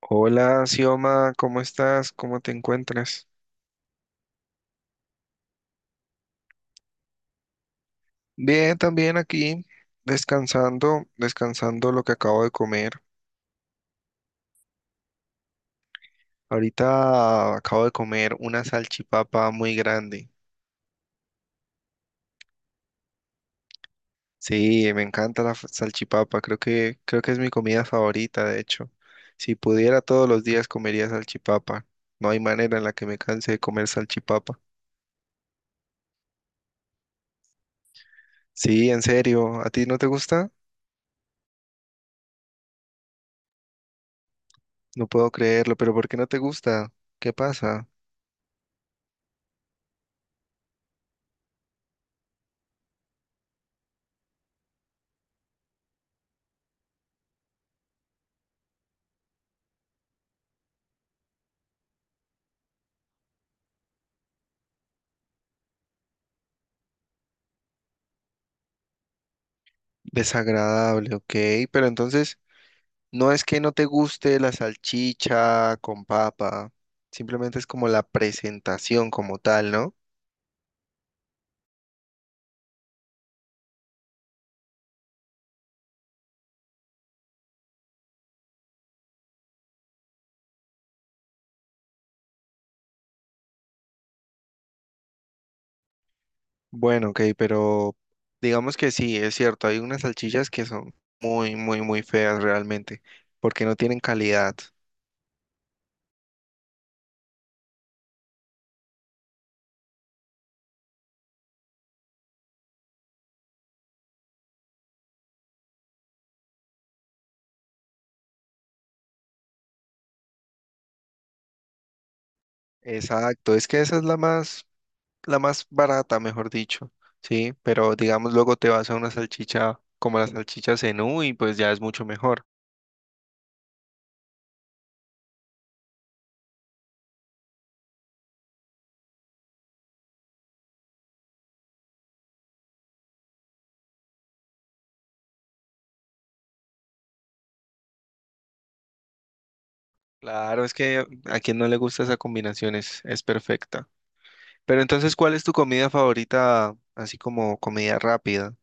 Hola, Sioma, ¿cómo estás? ¿Cómo te encuentras? Bien, también aquí, descansando lo que acabo de comer. Ahorita acabo de comer una salchipapa muy grande. Sí, me encanta la salchipapa, creo que es mi comida favorita, de hecho. Si pudiera todos los días comería salchipapa. No hay manera en la que me canse de comer salchipapa. Sí, en serio, ¿a ti no te gusta? No puedo creerlo, pero ¿por qué no te gusta? ¿Qué pasa? Desagradable, ok. Pero entonces, no es que no te guste la salchicha con papa, simplemente es como la presentación como tal, ¿no? Bueno, ok, pero digamos que sí, es cierto, hay unas salchichas que son muy, muy, muy feas realmente, porque no tienen calidad. Exacto, es que esa es la más barata, mejor dicho, ¿sí? Pero digamos, luego te vas a una salchicha como la salchicha Zenú y pues ya es mucho mejor. Claro, es que a quien no le gusta esa combinación es perfecta. Pero entonces, ¿cuál es tu comida favorita, así como comida rápida?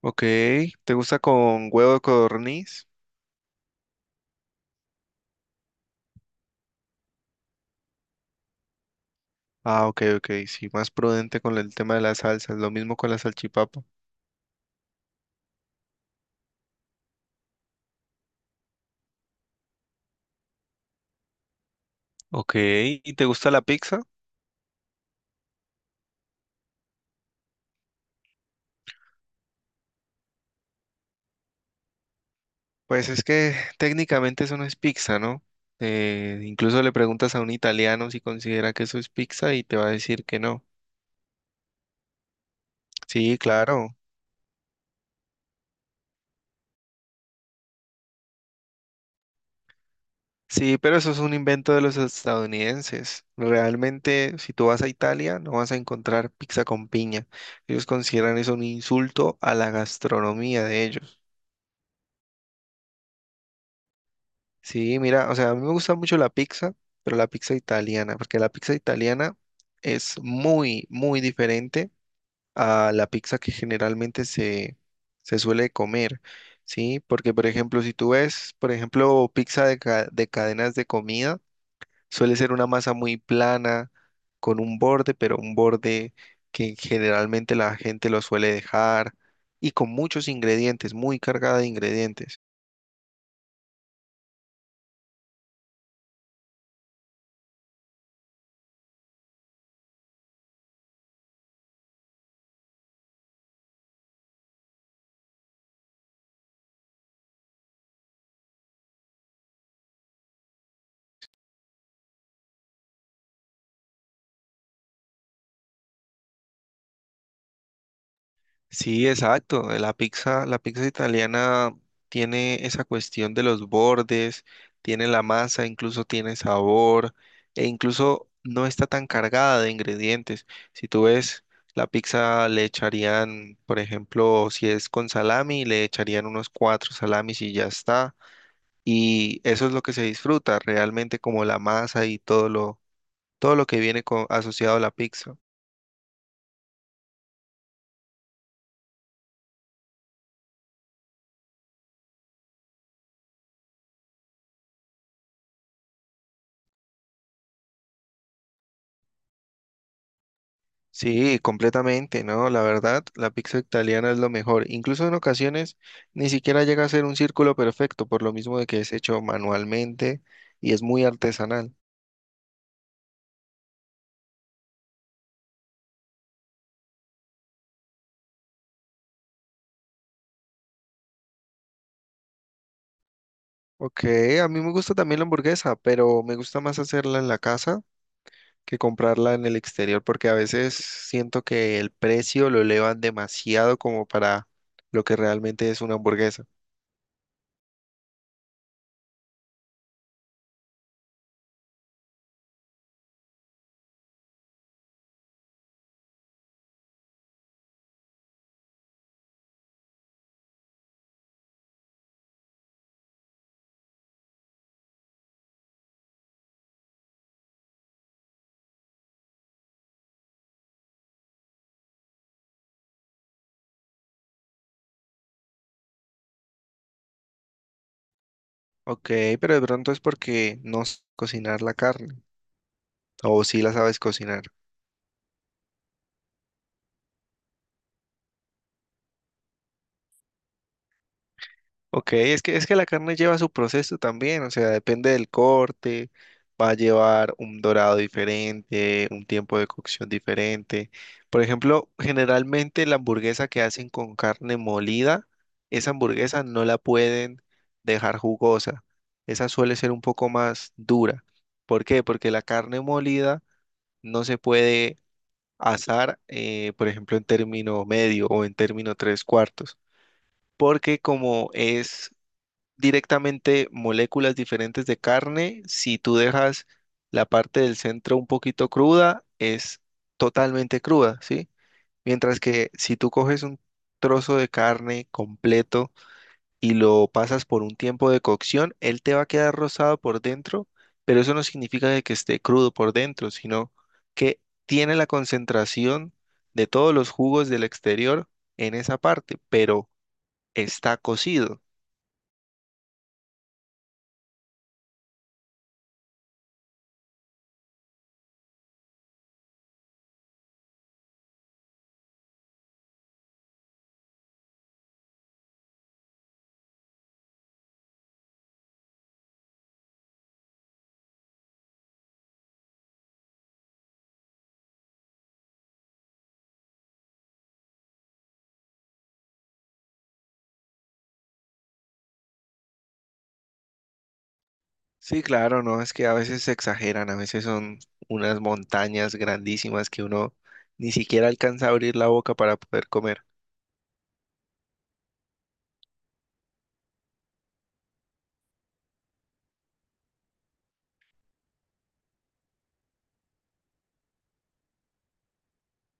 Ok, ¿te gusta con huevo de codorniz? Ah, ok, ok, sí, más prudente con el tema de las salsas, lo mismo con la salchipapa. Ok, ¿y te gusta la pizza? Pues es que técnicamente eso no es pizza, ¿no? Incluso le preguntas a un italiano si considera que eso es pizza y te va a decir que no. Sí, claro. Sí, pero eso es un invento de los estadounidenses. Realmente, si tú vas a Italia, no vas a encontrar pizza con piña. Ellos consideran eso un insulto a la gastronomía de ellos. Sí, mira, o sea, a mí me gusta mucho la pizza, pero la pizza italiana, porque la pizza italiana es muy, muy diferente a la pizza que generalmente se suele comer. Sí, porque por ejemplo, si tú ves, por ejemplo, pizza de cadenas de comida, suele ser una masa muy plana, con un borde, pero un borde que generalmente la gente lo suele dejar y con muchos ingredientes, muy cargada de ingredientes. Sí, exacto. La pizza italiana tiene esa cuestión de los bordes, tiene la masa, incluso tiene sabor, e incluso no está tan cargada de ingredientes. Si tú ves, la pizza le echarían, por ejemplo, si es con salami, le echarían unos cuatro salamis y ya está. Y eso es lo que se disfruta realmente como la masa y todo lo que viene asociado a la pizza. Sí, completamente, ¿no? La verdad, la pizza italiana es lo mejor. Incluso en ocasiones ni siquiera llega a ser un círculo perfecto, por lo mismo de que es hecho manualmente y es muy artesanal. Ok, a mí me gusta también la hamburguesa, pero me gusta más hacerla en la casa que comprarla en el exterior, porque a veces siento que el precio lo elevan demasiado como para lo que realmente es una hamburguesa. Ok, pero de pronto es porque no sé cocinar la carne, o si la sabes cocinar. Ok, es que la carne lleva su proceso también, o sea, depende del corte, va a llevar un dorado diferente, un tiempo de cocción diferente. Por ejemplo, generalmente la hamburguesa que hacen con carne molida, esa hamburguesa no la pueden dejar jugosa, esa suele ser un poco más dura. ¿Por qué? Porque la carne molida no se puede asar, por ejemplo, en término medio o en término tres cuartos porque como es directamente moléculas diferentes de carne. Si tú dejas la parte del centro un poquito cruda, es totalmente cruda, ¿sí? Mientras que si tú coges un trozo de carne completo y lo pasas por un tiempo de cocción, él te va a quedar rosado por dentro, pero eso no significa de que esté crudo por dentro, sino que tiene la concentración de todos los jugos del exterior en esa parte, pero está cocido. Sí, claro, no, es que a veces se exageran, a veces son unas montañas grandísimas que uno ni siquiera alcanza a abrir la boca para poder comer.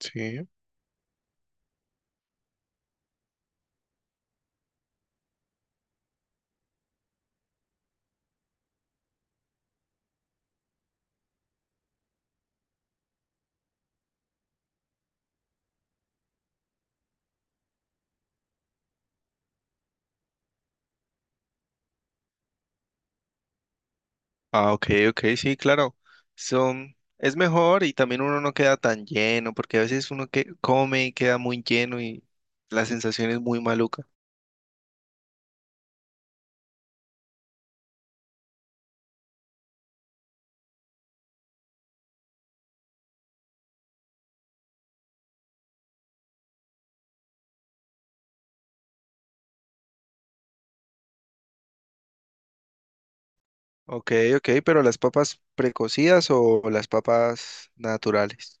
Sí. Ah, ok, ok, sí, claro. Son, es mejor y también uno no queda tan lleno, porque a veces uno que come y queda muy lleno y la sensación es muy maluca. Ok, ok, pero las papas precocidas o las papas naturales.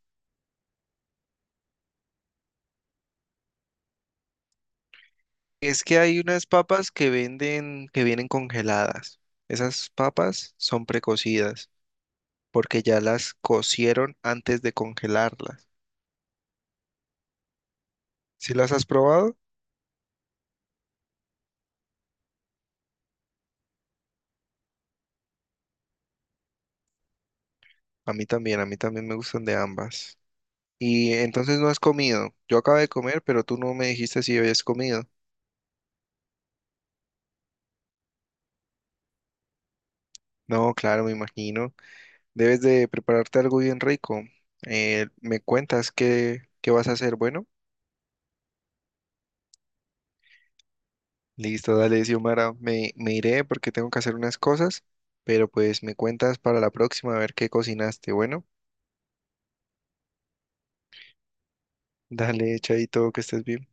Es que hay unas papas que venden, que vienen congeladas. Esas papas son precocidas porque ya las cocieron antes de congelarlas. ¿Si las has probado? A mí también me gustan de ambas. Y entonces no has comido. Yo acabé de comer, pero tú no me dijiste si habías comido. No, claro, me imagino. Debes de prepararte algo bien rico. ¿Me qué vas a hacer? Bueno. Listo, dale, Xiomara. Me iré porque tengo que hacer unas cosas, pero pues me cuentas para la próxima a ver qué cocinaste. Bueno, dale, Chaito, que estés bien.